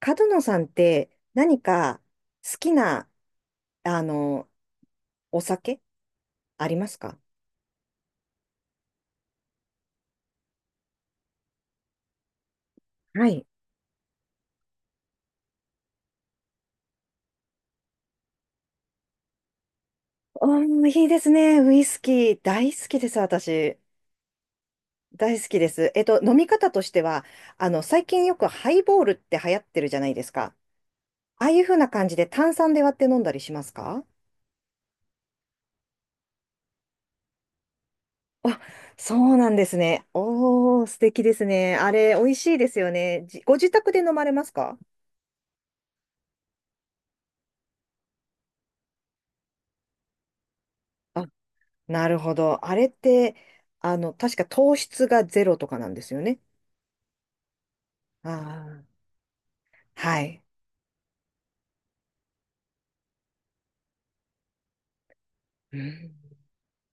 角野さんって何か好きな、あの、お酒ありますか？はい。うん、いいですね。ウイスキー大好きです、私。大好きです。飲み方としては、最近よくハイボールって流行ってるじゃないですか。ああいう風な感じで炭酸で割って飲んだりしますか？あ、そうなんですね。おー、素敵ですね。あれ、美味しいですよね。ご自宅で飲まれますか？あ、なるほど。あれって、確か糖質がゼロとかなんですよね。ああ、はい。うん、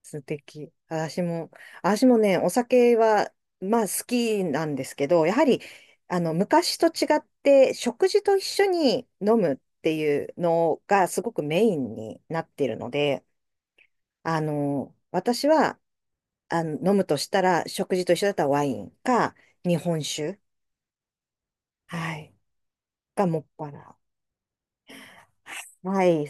素敵。私もね、お酒は、まあ好きなんですけど、やはり、昔と違って、食事と一緒に飲むっていうのがすごくメインになってるので、私は、飲むとしたら、食事と一緒だったらワインか、日本酒、はい、がもっぱら。はい。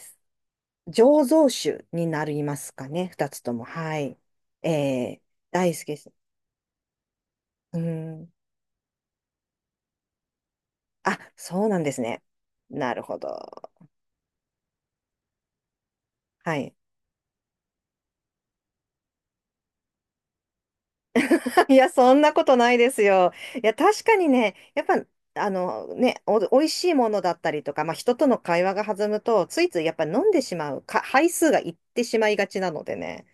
醸造酒になりますかね、二つとも。はい。えー、大好きです。うん。あ、そうなんですね。なるほど。はい。いや、そんなことないですよ。いや、確かにね、やっぱ、あのね、美味しいものだったりとか、まあ、人との会話が弾むと、ついついやっぱ飲んでしまう、杯数がいってしまいがちなのでね。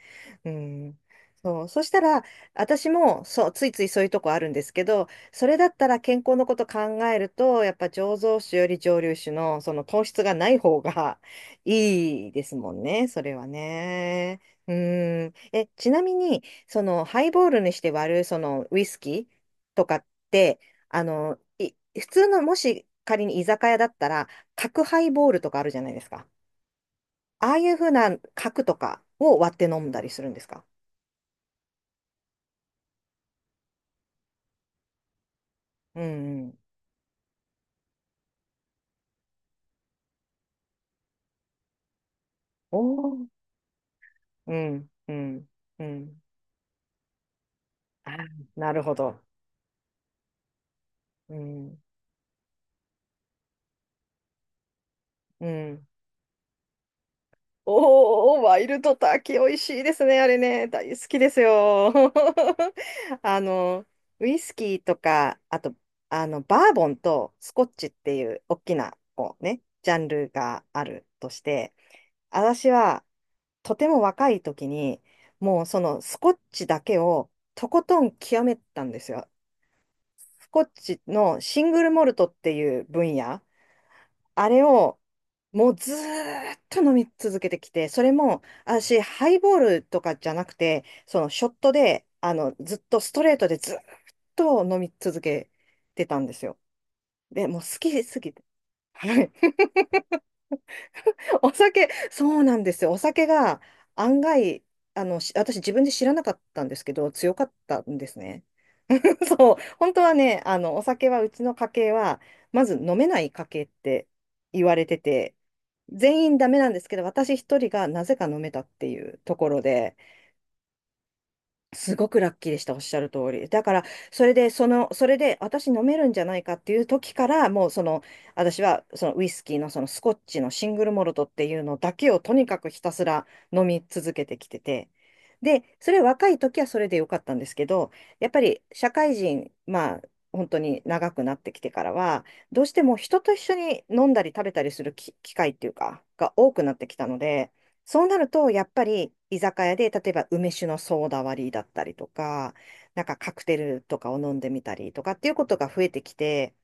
うん。そう。そしたら、私も、そう、ついついそういうとこあるんですけど、それだったら健康のこと考えると、やっぱ醸造酒より蒸留酒の、その糖質がない方がいいですもんね、それはね。うん。ちなみに、そのハイボールにして割るそのウイスキーとかって、あの、い、普通のもし仮に居酒屋だったら、角ハイボールとかあるじゃないですか。ああいう風な角とかを割って飲んだりするんですか？うんうん。おー、うん、うん、うん。あー、なるほど。うん、うん。おー、ワイルドターキー美味しいですね、あれね。大好きですよ。あの、ウイスキーとか、あと、バーボンとスコッチっていう大きな、こうね、ジャンルがあるとして、私はとても若い時に、もうそのスコッチだけをとことん極めたんですよ。スコッチのシングルモルトっていう分野。あれを、もうずーっと飲み続けてきて、それも、私、ハイボールとかじゃなくて、そのショットで、ずっとストレートでずーっと飲み続けてたんですよ。で、もう好きすぎて。はい。お酒、そうなんですよ。お酒が案外、私自分で知らなかったんですけど、強かったんですね。そう、本当はね、お酒はうちの家系は、まず飲めない家系って言われてて、全員ダメなんですけど、私一人がなぜか飲めたっていうところで、すごくラッキーでした、おっしゃる通り。だから、それで、私飲めるんじゃないかっていう時から、もう、私は、ウイスキーの、スコッチのシングルモルトっていうのだけを、とにかくひたすら飲み続けてきてて。で、それ、若い時はそれでよかったんですけど、やっぱり、社会人、まあ、本当に長くなってきてからは、どうしても人と一緒に飲んだり食べたりする機会っていうか、が多くなってきたので、そうなると、やっぱり居酒屋で、例えば梅酒のソーダ割りだったりとか、なんかカクテルとかを飲んでみたりとかっていうことが増えてきて、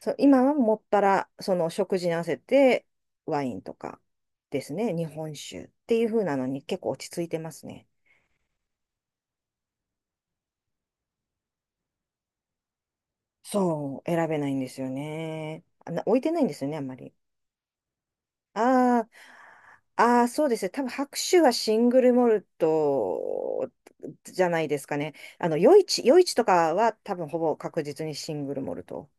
そう、今はもっぱら、その食事に合わせてワインとかですね、日本酒っていう風なのに結構落ち着いてますね。そう、選べないんですよね。あ、置いてないんですよね、あんまり。ああ、ああ、そうですね。多分白州はシングルモルトじゃないですかね。余市とかは多分ほぼ確実にシングルモルト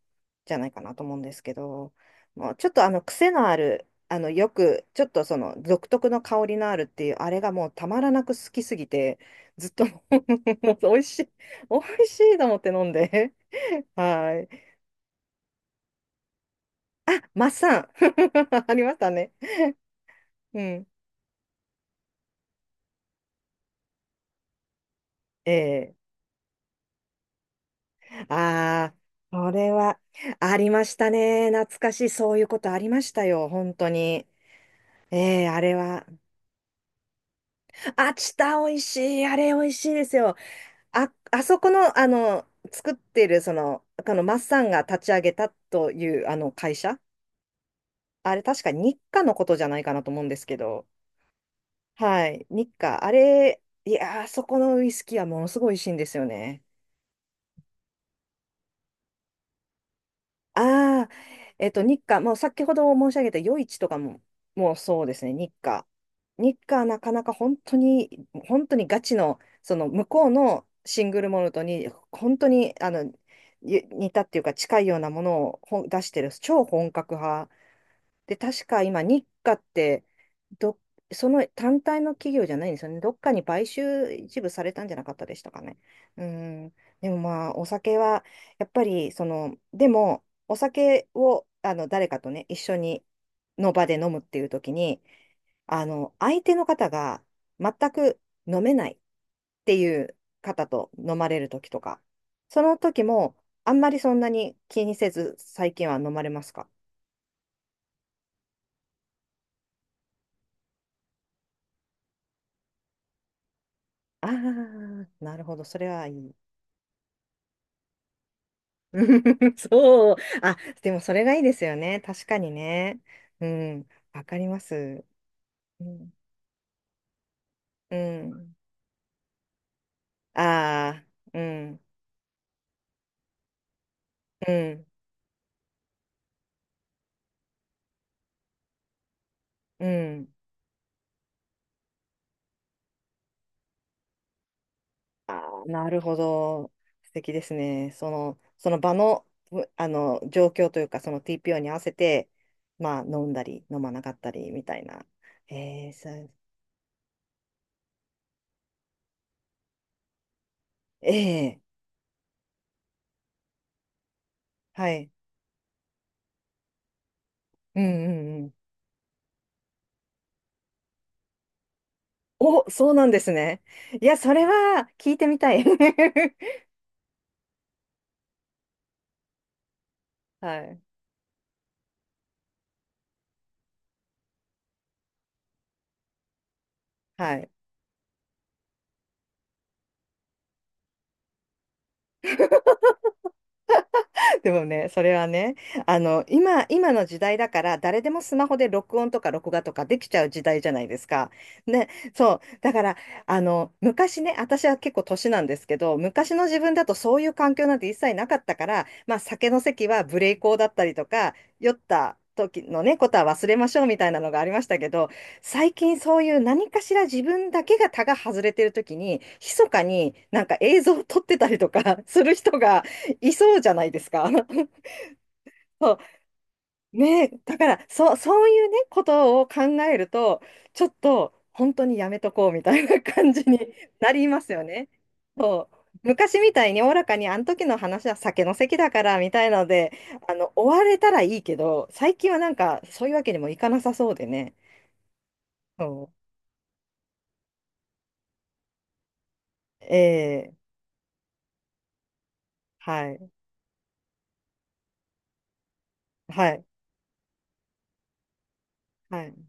じゃないかなと思うんですけど、もうちょっとあの癖のある、よく、ちょっとその独特の香りのあるっていう、あれがもうたまらなく好きすぎて、ずっと もう美味しい、美味しいと思って飲んで。はい。あ、マッサン ありましたね。うん。ええ、ああ、それはありましたね。懐かしい。そういうことありましたよ。本当に。ええ、あれは。あ、チタ美味しい。あれ美味しいですよ。あ、あそこの、作ってる、このマッサンが立ち上げたという、会社。あれ、確か日課のことじゃないかなと思うんですけど。はい。日課。あれ、いやー、あそこのウイスキーはものすごい美味しいんですよね。ああ、日課、もう先ほど申し上げた夜市とかも、もうそうですね、日課。日課はなかなか本当に、本当にガチの、その向こうのシングルモルトに、本当にあのゆ似たっていうか近いようなものを出してる超本格派で、確か今、日課って、ど、その単体の企業じゃないんですよね。どっかに買収一部されたんじゃなかったでしたかね。うん。でもまあ、お酒は、やっぱり、お酒を、誰かとね、一緒に、の場で飲むっていう時に、相手の方が全く飲めないっていう方と飲まれる時とか、その時も、あんまりそんなに気にせず、最近は飲まれますか？ああ、なるほど。それはいい。そう。あ、でもそれがいいですよね。確かにね。うん。わかります。うん。うん。ああ、うん。うん。うん。ああ、なるほど。素敵ですね。その、その場の、うあの、状況というか、その TPO に合わせて、まあ、飲んだり、飲まなかったり、みたいな。ええ、そう、ええ、はい。うんうんうん、お、そうなんですね。いや、それは聞いてみたい。はい。はい。でもね、それはね、今の時代だから、誰でもスマホで録音とか録画とかできちゃう時代じゃないですか。ね、そう。だから、昔ね、私は結構年なんですけど、昔の自分だとそういう環境なんて一切なかったから、まあ、酒の席は無礼講だったりとか、酔った時のね、ことは忘れましょうみたいなのがありましたけど、最近そういう何かしら自分だけが他が外れてる時に、密かになんか映像を撮ってたりとか する人が、いそうじゃないですか。そう。ねえ、だから、そう、そういうね、ことを考えると、ちょっと、本当にやめとこうみたいな感じになりますよね。そう。昔みたいにおおらかに、あの時の話は酒の席だからみたいなので、終われたらいいけど、最近はなんか、そういうわけにもいかなさそうでね。そう。ええ、はい、はい、はい。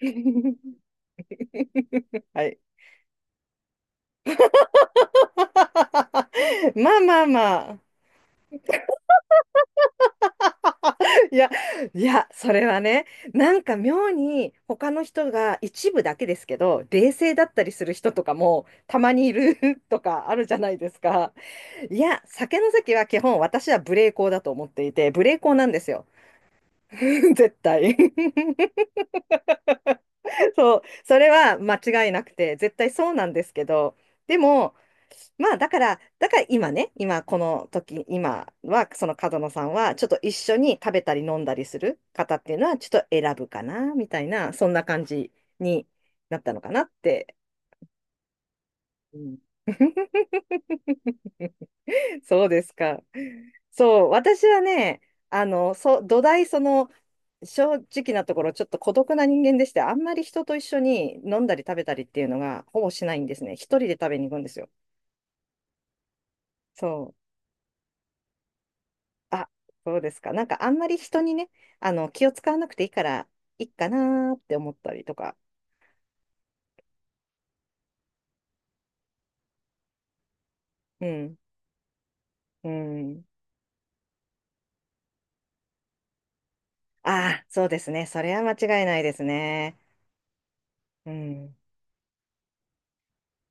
はい。まあまあまあ。いや、いや、それはね、なんか妙に他の人が一部だけですけど、冷静だったりする人とかもたまにいる とかあるじゃないですか。いや、酒の席は基本私は無礼講だと思っていて、無礼講なんですよ。絶対。そう、それは間違いなくて、絶対そうなんですけど、でも、だから今ね、今この時、今は、その角野さんは、ちょっと一緒に食べたり飲んだりする方っていうのは、ちょっと選ぶかな、みたいな、そんな感じになったのかなって。うん そうですか。そう、私はね、土台、正直なところ、ちょっと孤独な人間でして、あんまり人と一緒に飲んだり食べたりっていうのがほぼしないんですね。一人で食べに行くんですよ。そう。あ、そうですか。なんかあんまり人にね、気を使わなくていいから、いいかなーって思ったりとか。うん。うん。ああ、そうですね。それは間違いないですね。うん。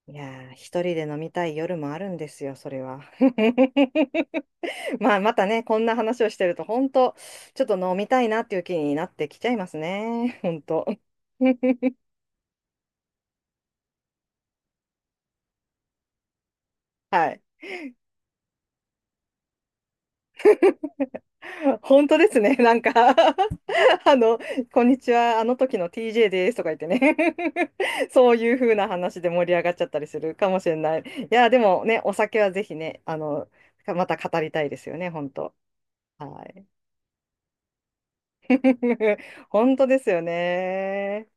いやー、一人で飲みたい夜もあるんですよ、それは。まあ、またね、こんな話をしてると、本当ちょっと飲みたいなっていう気になってきちゃいますね。本当 はい。本当ですね。なんか あの、こんにちは、あの時の TJ ですとか言ってね そういう風な話で盛り上がっちゃったりするかもしれない。いや、でもね、お酒はぜひね、また語りたいですよね、本当はい。本当ですよね。